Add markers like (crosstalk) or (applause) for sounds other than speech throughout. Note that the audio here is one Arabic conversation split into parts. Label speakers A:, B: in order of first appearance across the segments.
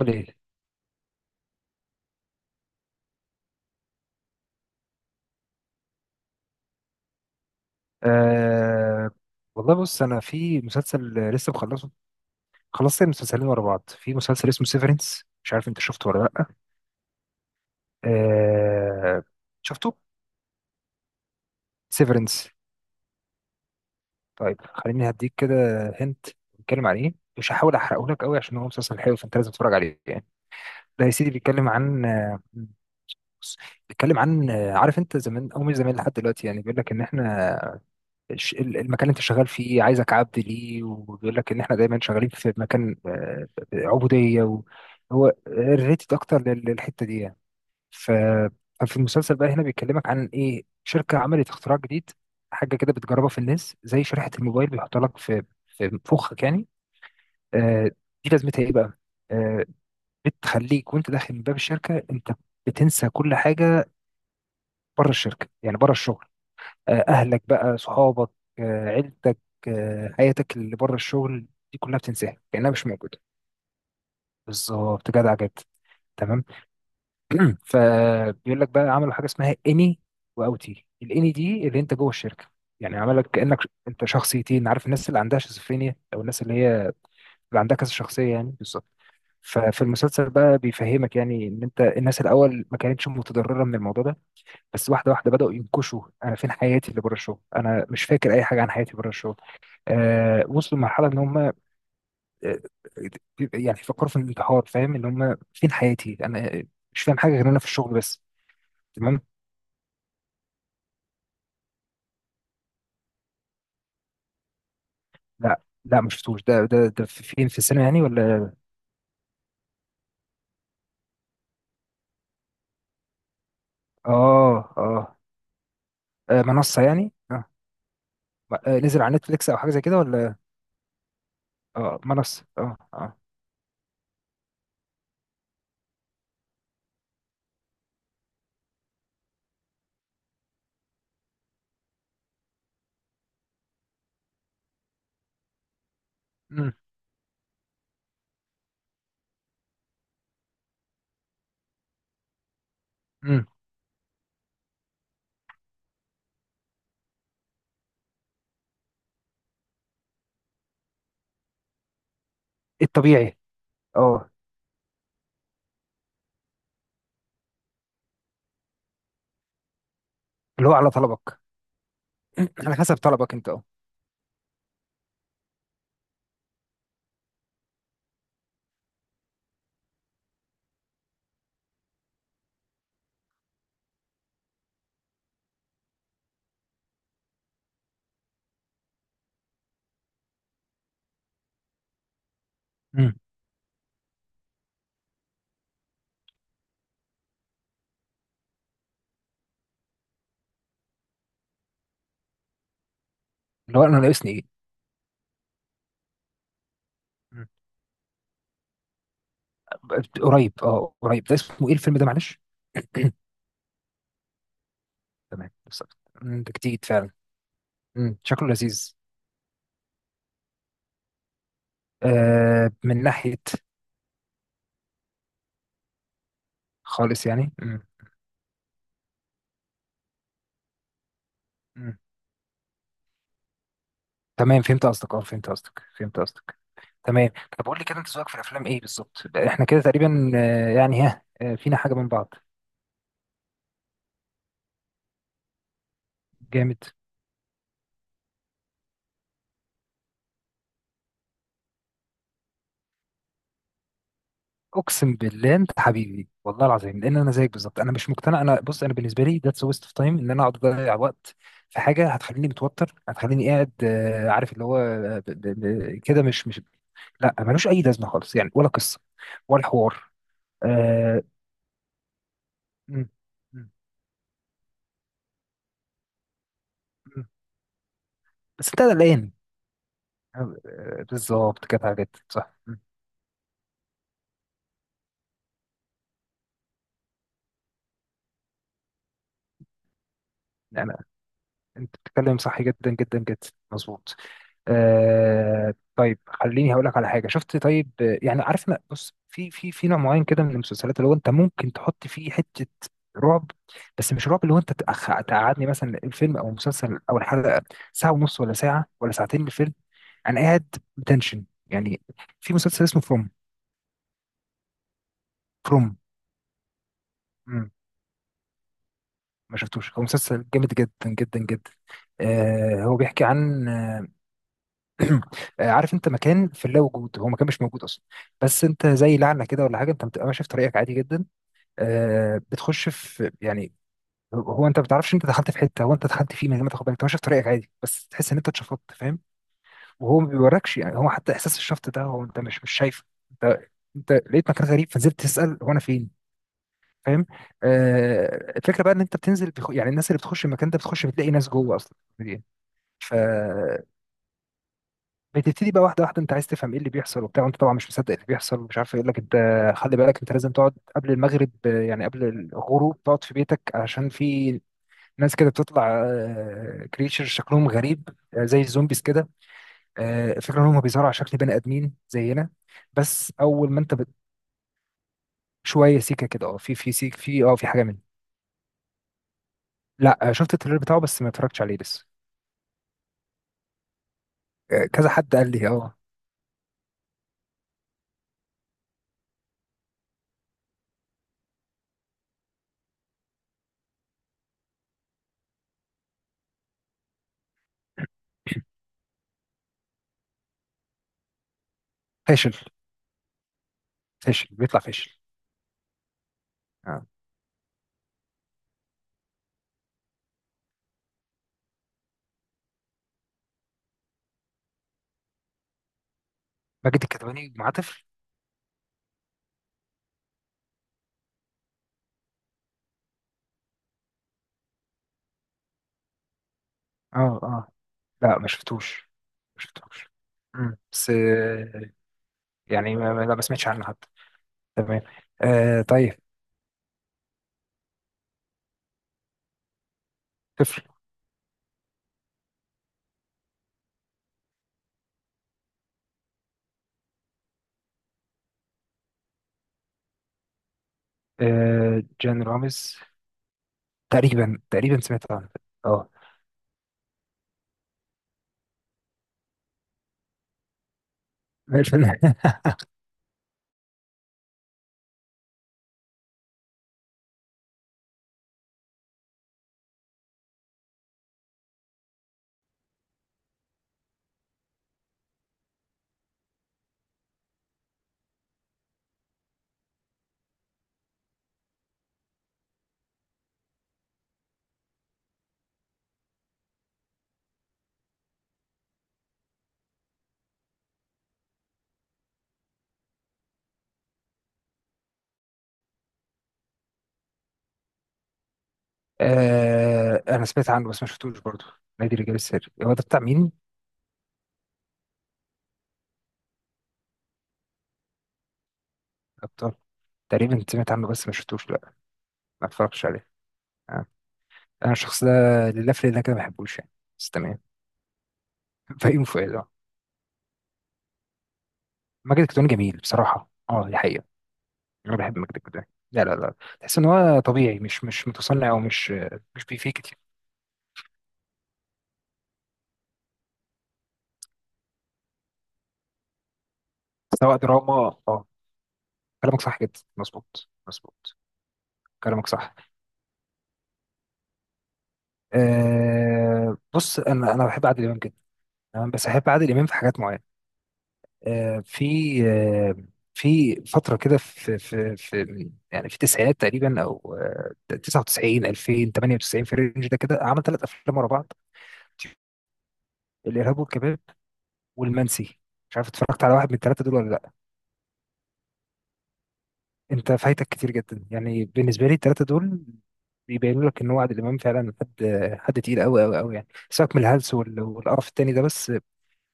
A: قليل. أه والله بص انا في مسلسل لسه مخلصه. خلصت المسلسلين ورا بعض. في مسلسل اسمه سيفرنس، مش عارف انت شفته ولا لا. أه شفته. سيفرنس. طيب خليني هديك كده. هنت بيتكلم عن ايه؟ مش هحاول احرقه لك قوي عشان هو مسلسل حلو، فانت لازم تتفرج عليه يعني. ده يا سيدي بيتكلم عن بص، بيتكلم عن عارف انت زمان او مش زمان لحد دلوقتي، يعني بيقول لك ان احنا المكان اللي انت شغال فيه عايزك عبد ليه، وبيقول لك ان احنا دايما شغالين في مكان، عبوديه هو ريليتد اكتر للحته دي يعني. ف- ففي المسلسل بقى هنا بيكلمك عن ايه، شركه عملت اختراع جديد، حاجه كده بتجربها في الناس، زي شريحه الموبايل بيحطها لك في فخك يعني. آه، دي لازمتها ايه بقى؟ آه، بتخليك وانت داخل من باب الشركه انت بتنسى كل حاجه بره الشركه، يعني بره الشغل، اهلك بقى، صحابك، عيلتك، حياتك اللي بره الشغل، دي كلها بتنساها كانها مش موجوده. بالظبط، جدع جدا. تمام. (clears throat) فبيقول لك بقى عملوا حاجه اسمها اني واوتي. الاني دي اللي انت جوه الشركه، يعني عملك كانك انت شخصيتين، عارف الناس اللي عندها شيزوفرينيا او الناس اللي هي اللي عندها كذا شخصيه، يعني بالظبط. ففي المسلسل بقى بيفهمك يعني ان انت الناس الاول ما كانتش متضرره من الموضوع ده، بس واحده واحده بداوا ينكشوا، انا فين حياتي اللي بره الشغل، انا مش فاكر اي حاجه عن حياتي بره الشغل. آه، وصلوا لمرحله ان هم آه، يعني فكروا في الانتحار، فاهم، ان هم فين حياتي انا، مش فاهم حاجه غير انا في الشغل بس. تمام. لا لا، ما شفتوش. ده فين في السينما يعني ولا؟ اه اه. منصه يعني اه. نزل على نتفليكس او حاجه زي كده ولا؟ اه منصه اه اه. امم امم الطبيعي. اه. اللي هو على طلبك. على حسب طلبك انت، اه. امم اللي هو انا ناقصني ايه. مم. قريب، اه قريب، ده اسمه ايه الفيلم ده معلش؟ (clears throat) تمام بالظبط. ده جديد فعلا. شكله لذيذ. آه من ناحية. خالص يعني. مم. تمام، فهمت قصدك، اه فهمت قصدك، فهمت قصدك. تمام. طب قول لي كده، انت ذوقك في الافلام ايه بالظبط؟ احنا كده تقريبا، يعني ها، فينا حاجة من بعض. جامد. اقسم بالله انت حبيبي والله العظيم، لان انا زيك بالظبط، انا مش مقتنع. انا بص، انا بالنسبه لي ذاتس ويست اوف تايم ان انا اقعد اضيع وقت في حاجه هتخليني متوتر، هتخليني قاعد، عارف اللي هو، كده مش لا، ملوش اي لازمه خالص يعني، ولا قصه ولا حوار. آه، مم. مم. مم. بس انت قلقان. بالظبط كانت عجبت صح. يعني انت بتتكلم صح جدا جدا جدا. مظبوط. آه طيب، خليني هقول لك على حاجه شفت. طيب، يعني عارف، انا بص في نوع معين كده من المسلسلات اللي هو انت ممكن تحط فيه حته رعب، بس مش رعب، اللي هو انت تقعدني مثلا الفيلم او المسلسل او الحلقه ساعه ونص ولا ساعه ولا ساعتين من الفيلم انا قاعد بتنشن يعني. في مسلسل اسمه فروم. فروم. ما شفتوش، هو مسلسل جامد جدا جدا جدا. آه هو بيحكي عن (clears throat) عارف انت مكان في اللا وجود، هو مكان مش موجود اصلا، بس انت زي لعنه كده ولا حاجه، انت بتبقى ماشي في طريقك عادي جدا، آه بتخش في يعني، هو انت ما بتعرفش انت دخلت في حته، هو انت دخلت فيه من غير ما تاخد بالك، انت ماشي في طريقك عادي بس تحس ان انت اتشفطت، فاهم، وهو ما بيوركش يعني، هو حتى احساس الشفط ده هو انت مش شايفه. انت انت لقيت مكان غريب فنزلت تسال هو انا فين، فاهم. آه الفكره بقى ان انت يعني الناس اللي بتخش المكان ده بتخش بتلاقي ناس جوه اصلا موجودين. فبتبتدي بقى واحده واحده، انت عايز تفهم ايه اللي بيحصل وبتاع، وانت طبعا مش مصدق اللي بيحصل ومش عارف ايه. يقول لك انت خلي بالك انت لازم تقعد قبل المغرب، يعني قبل الغروب تقعد في بيتك، عشان في ناس كده بتطلع، كريتشر شكلهم غريب، زي الزومبيز كده. الفكره ان هم بيظهروا على شكل بني ادمين زينا، بس اول ما انت شويه سيكه كده اه، في سيك، في اه في حاجه منه. لا، شفت التريلر بتاعه بس ما اتفرجتش عليه لسه. كذا حد قال لي اه. فاشل، فاشل بيطلع فاشل. آه. ماجد الكدواني مع طفل؟ اه اه. لا ما شفتوش، ما شفتوش. مم. بس آه، يعني لا ما سمعتش عنه حتى. تمام. آه طيب. طفل. آه جان رامز، تقريبا تقريبا سمعت عنه اه. (laughs) الفيلم. آه انا سمعت عنه بس ما شفتوش برضه. نادي الرجال السري، هو ده بتاع مين؟ ابطال. تقريبا سمعت عنه بس ما شفتوش، لا. ما اتفرجتش عليه. آه. انا الشخص ده، لله في لله كده ما بحبوش يعني. بس تمام. فيوم فؤاد اه. ماجد الكدواني جميل بصراحه، اه دي حقيقه. انا بحب ماجد الكدواني، لا لا لا. تحس ان هو طبيعي، مش متصنع، او مش مش بيفيك كتير. سواء دراما. اه. كلامك صح جدا، مظبوط مظبوط. كلامك صح. آه بص، انا بحب عادل امام جدا. تمام، بس احب عادل امام في حاجات معينه. آه في آه في فتره كده، في يعني في التسعينات تقريبا، او آه 99 2000 98 في الرينج ده كده، عمل ثلاث افلام ورا بعض. الارهاب والكباب، والمنسي، مش عارف اتفرجت على واحد من الثلاثه دول ولا لا. انت فايتك كتير جدا يعني، بالنسبه لي الثلاثه دول بيبينوا لك ان هو عادل امام فعلا حد، حد تقيل قوي قوي قوي يعني. سيبك من الهلس والقرف التاني ده، بس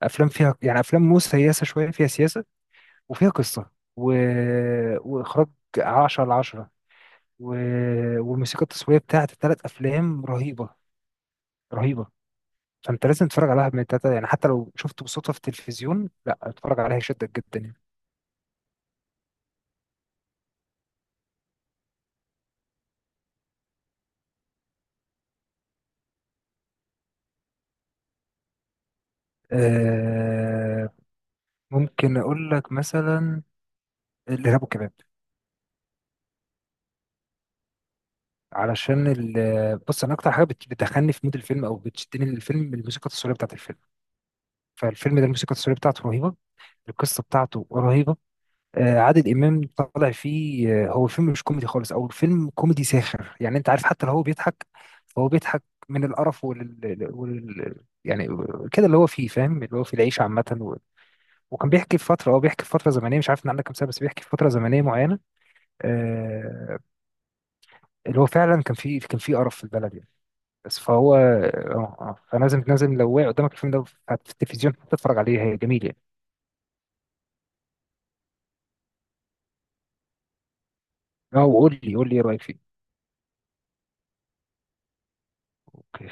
A: افلام فيها يعني، افلام مو سياسه شويه فيها سياسه، وفيها قصه و... واخراج 10 على 10، و... والموسيقى التصويريه بتاعت الثلاث افلام رهيبه، رهيبه. فانت لازم تتفرج على واحد من الثلاثه يعني، حتى لو شفته بالصدفه في التلفزيون لا اتفرج عليها، يشدك جدا يعني. آه، ممكن اقول لك مثلا الارهاب والكباب. بص، انا اكتر حاجه بتدخلني في مود الفيلم او بتشدني للفيلم الموسيقى التصويريه بتاعت الفيلم، فالفيلم ده الموسيقى التصويريه بتاعته رهيبه، القصه بتاعته رهيبه. آه عادل امام طالع فيه، هو الفيلم مش كوميدي خالص، او الفيلم كوميدي ساخر يعني، انت عارف، حتى لو هو بيضحك فهو بيضحك من القرف وال... يعني كده اللي هو فيه، فاهم، اللي هو في العيشه عامه وكان بيحكي في فتره، هو بيحكي في فتره زمنيه، مش عارف ان عندك كام سنه، بس بيحكي في فتره زمنيه معينه، آه، اللي هو فعلا كان في، كان في قرف في البلد يعني. بس فهو اه اه، فلازم لازم لو وقع قدامك الفيلم ده في التلفزيون تتفرج عليه، هي جميل يعني. اه. وقول لي قول لي ايه رايك فيه. اوكي.